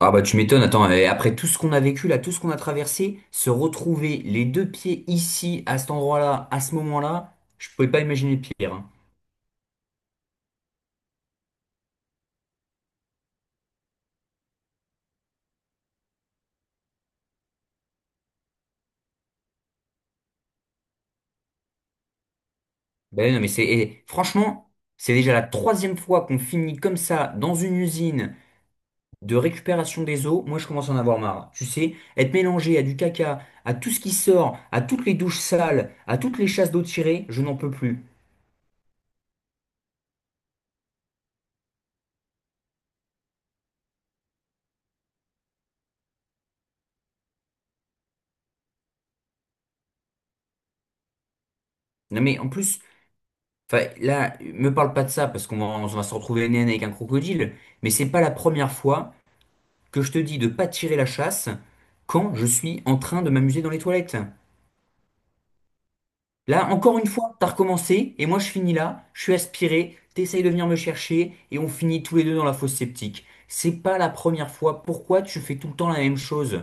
Ah bah tu m'étonnes, attends, et après tout ce qu'on a vécu là, tout ce qu'on a traversé, se retrouver les deux pieds ici, à cet endroit-là, à ce moment-là, je pouvais pas imaginer pire, hein. Ben non mais c'est, et franchement, c'est déjà la troisième fois qu'on finit comme ça dans une usine de récupération des eaux. Moi je commence à en avoir marre. Tu sais, être mélangé à du caca, à tout ce qui sort, à toutes les douches sales, à toutes les chasses d'eau tirées, je n'en peux plus. Non mais en plus. Enfin, là, me parle pas de ça parce qu'on va se retrouver nez à nez avec un crocodile, mais c'est pas la première fois que je te dis de pas tirer la chasse quand je suis en train de m'amuser dans les toilettes. Là, encore une fois, t'as recommencé et moi je finis là, je suis aspiré, t'essayes de venir me chercher et on finit tous les deux dans la fosse septique. C'est pas la première fois. Pourquoi tu fais tout le temps la même chose?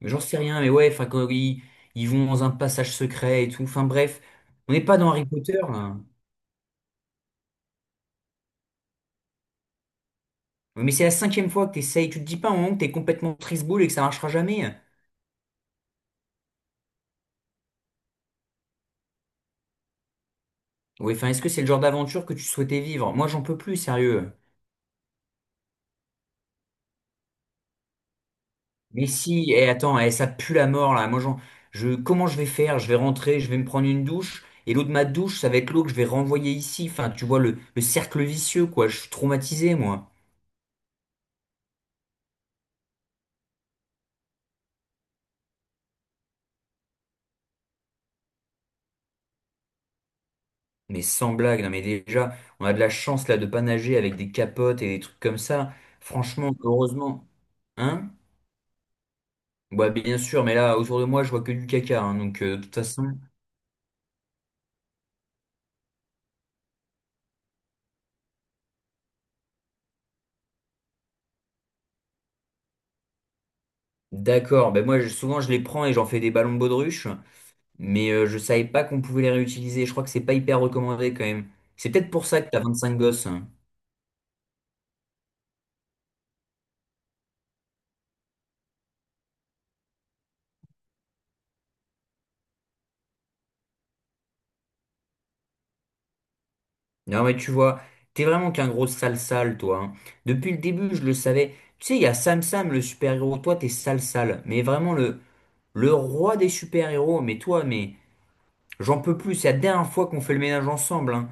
J'en sais rien, mais ouais, enfin, quand ils vont dans un passage secret et tout. Enfin bref, on n'est pas dans Harry Potter là. Oui, mais c'est la cinquième fois que t'essayes, tu te dis pas un moment que t'es complètement trisboule et que ça marchera jamais. Oui, enfin, est-ce que c'est le genre d'aventure que tu souhaitais vivre? Moi, j'en peux plus, sérieux. Mais si, et attends, eh, ça pue la mort là. Moi, comment je vais faire? Je vais rentrer, je vais me prendre une douche, et l'eau de ma douche, ça va être l'eau que je vais renvoyer ici. Enfin, tu vois le cercle vicieux, quoi. Je suis traumatisé, moi. Mais sans blague, non, mais déjà, on a de la chance là de pas nager avec des capotes et des trucs comme ça. Franchement, heureusement, hein? Ouais, bien sûr, mais là, autour de moi, je vois que du caca, hein, donc, de toute façon, d'accord. Ben moi, souvent, je les prends et j'en fais des ballons de baudruche. Mais je savais pas qu'on pouvait les réutiliser. Je crois que c'est pas hyper recommandé quand même. C'est peut-être pour ça que t'as 25 gosses, hein. Non, mais tu vois, t'es vraiment qu'un gros sale sale, toi, hein. Depuis le début, je le savais. Tu sais, il y a Sam Sam, le super-héros. Toi, t'es sale sale. Mais vraiment, le roi des super-héros. Mais toi, mais j'en peux plus. C'est la dernière fois qu'on fait le ménage ensemble, hein.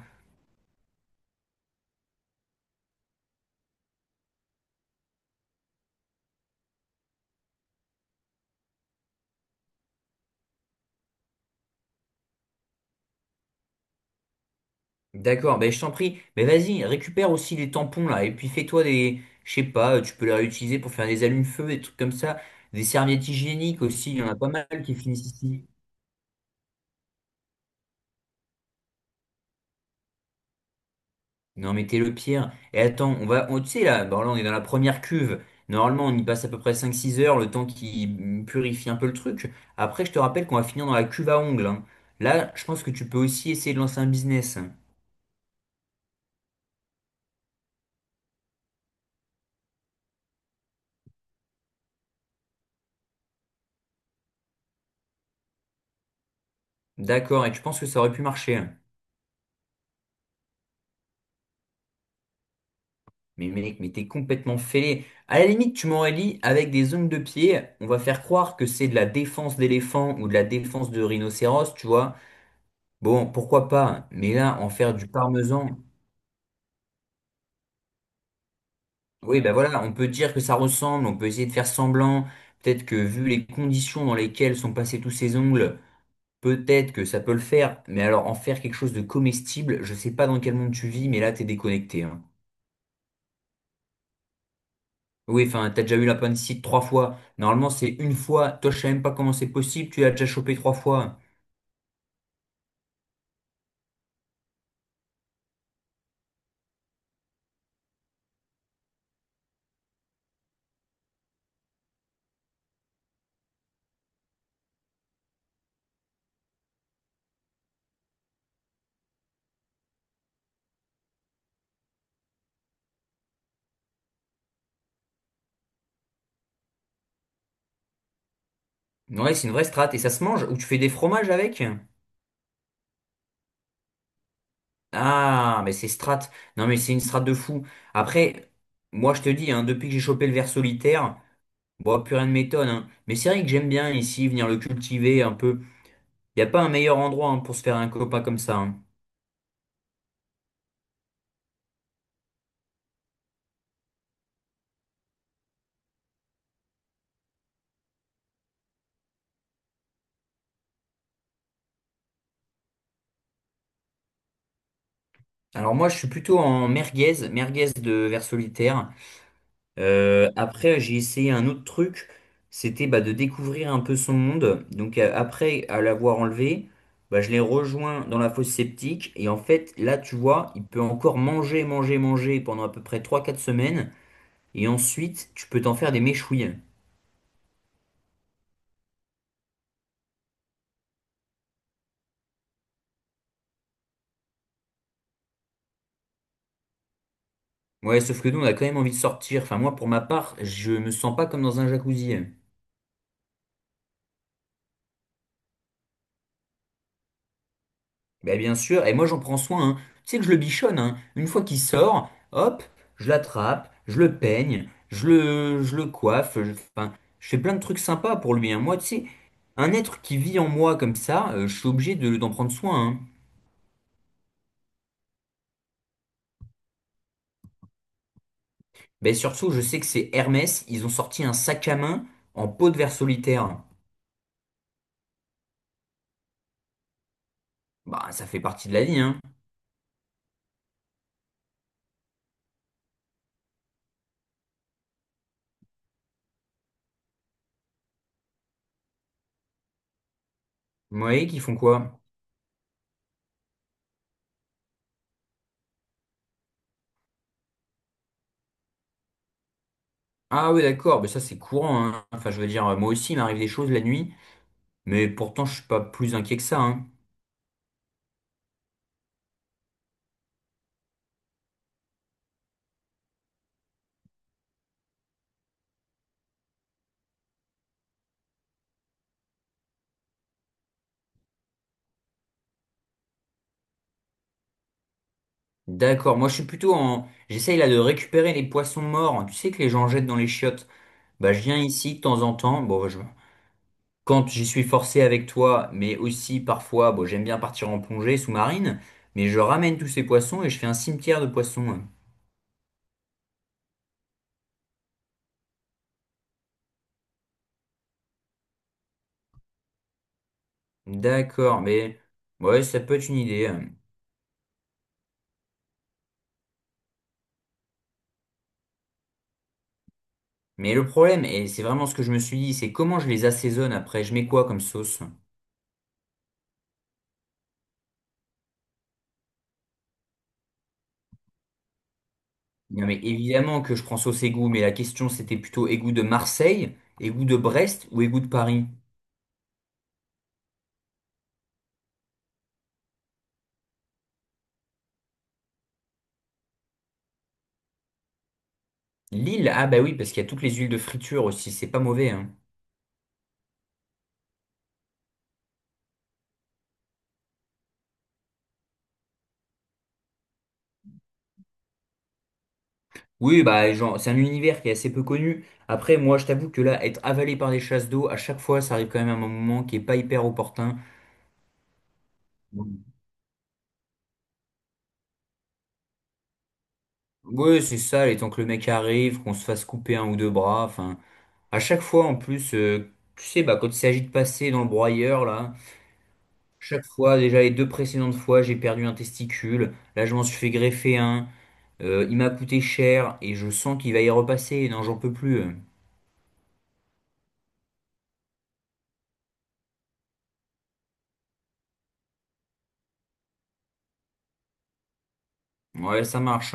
D'accord, ben je t'en prie. Mais vas-y, récupère aussi les tampons là, et puis fais-toi des, je sais pas, tu peux les réutiliser pour faire des allumes-feu, des trucs comme ça, des serviettes hygiéniques aussi, il y en a pas mal qui finissent ici. Non mais t'es le pire. Et attends, tu sais là, bon là on est dans la première cuve. Normalement on y passe à peu près 5-6 heures, le temps qui purifie un peu le truc. Après je te rappelle qu'on va finir dans la cuve à ongles, hein. Là, je pense que tu peux aussi essayer de lancer un business, hein. D'accord, et tu penses que ça aurait pu marcher, hein? Mais mec, mais t'es complètement fêlé. À la limite, tu m'aurais dit, avec des ongles de pied, on va faire croire que c'est de la défense d'éléphant ou de la défense de rhinocéros, tu vois. Bon, pourquoi pas, mais là, en faire du parmesan. Oui, ben voilà, on peut dire que ça ressemble, on peut essayer de faire semblant. Peut-être que vu les conditions dans lesquelles sont passés tous ces ongles, peut-être que ça peut le faire. Mais alors, en faire quelque chose de comestible, je sais pas dans quel monde tu vis, mais là, t'es déconnecté, hein. Oui, enfin, t'as déjà eu la appendicite trois fois. Normalement, c'est une fois. Toi, je sais même pas comment c'est possible. Tu l'as déjà chopé trois fois. Ouais, c'est une vraie strate. Et ça se mange? Ou tu fais des fromages avec? Ah, mais c'est strat. Non, mais c'est une strate de fou. Après, moi, je te dis, hein, depuis que j'ai chopé le ver solitaire, bon, plus rien ne m'étonne, hein. Mais c'est vrai que j'aime bien ici venir le cultiver un peu. Il n'y a pas un meilleur endroit hein, pour se faire un copain comme ça, hein. Alors moi, je suis plutôt en merguez, merguez de ver solitaire. Après, j'ai essayé un autre truc, c'était bah, de découvrir un peu son monde. Donc après, à l'avoir enlevé, bah, je l'ai rejoint dans la fosse septique. Et en fait, là, tu vois, il peut encore manger, manger, manger pendant à peu près trois, quatre semaines. Et ensuite, tu peux t'en faire des méchouilles. Ouais, sauf que nous, on a quand même envie de sortir. Enfin, moi, pour ma part, je me sens pas comme dans un jacuzzi. Ben bien sûr, et moi j'en prends soin, hein. Tu sais que je le bichonne, hein. Une fois qu'il sort, hop, je l'attrape, je le peigne, je le coiffe, enfin, je fais plein de trucs sympas pour lui, hein. Moi, tu sais, un être qui vit en moi comme ça, je suis obligé d'en prendre soin, hein. Ben surtout, je sais que c'est Hermès, ils ont sorti un sac à main en peau de verre solitaire. Bah, ça fait partie de la vie, hein. Vous voyez qu'ils font quoi? Ah oui, d'accord, ben ça c'est courant, hein. Enfin, je veux dire, moi aussi, il m'arrive des choses la nuit, mais pourtant, je suis pas plus inquiet que ça, hein. D'accord, moi je suis plutôt en... J'essaye là de récupérer les poissons morts, tu sais que les gens jettent dans les chiottes. Bah je viens ici de temps en temps, bon bah, je... quand j'y suis forcé avec toi, mais aussi parfois, bon j'aime bien partir en plongée sous-marine, mais je ramène tous ces poissons et je fais un cimetière de poissons. D'accord, mais ouais ça peut être une idée. Mais le problème, et c'est vraiment ce que je me suis dit, c'est comment je les assaisonne après, je mets quoi comme sauce? Non mais évidemment que je prends sauce égout, mais la question c'était plutôt égout de Marseille, égout de Brest ou égout de Paris? L'île, ah bah oui, parce qu'il y a toutes les huiles de friture aussi, c'est pas mauvais, hein. Oui, bah genre, c'est un univers qui est assez peu connu. Après, moi, je t'avoue que là, être avalé par des chasses d'eau, à chaque fois, ça arrive quand même à un moment qui est pas hyper opportun. Ouais, c'est ça, les temps que le mec arrive, qu'on se fasse couper un ou deux bras, enfin, à chaque fois, en plus, tu sais, bah quand il s'agit de passer dans le broyeur, là, chaque fois, déjà les deux précédentes fois, j'ai perdu un testicule, là, je m'en suis fait greffer un, il m'a coûté cher, et je sens qu'il va y repasser, non, j'en peux plus. Ouais, ça marche.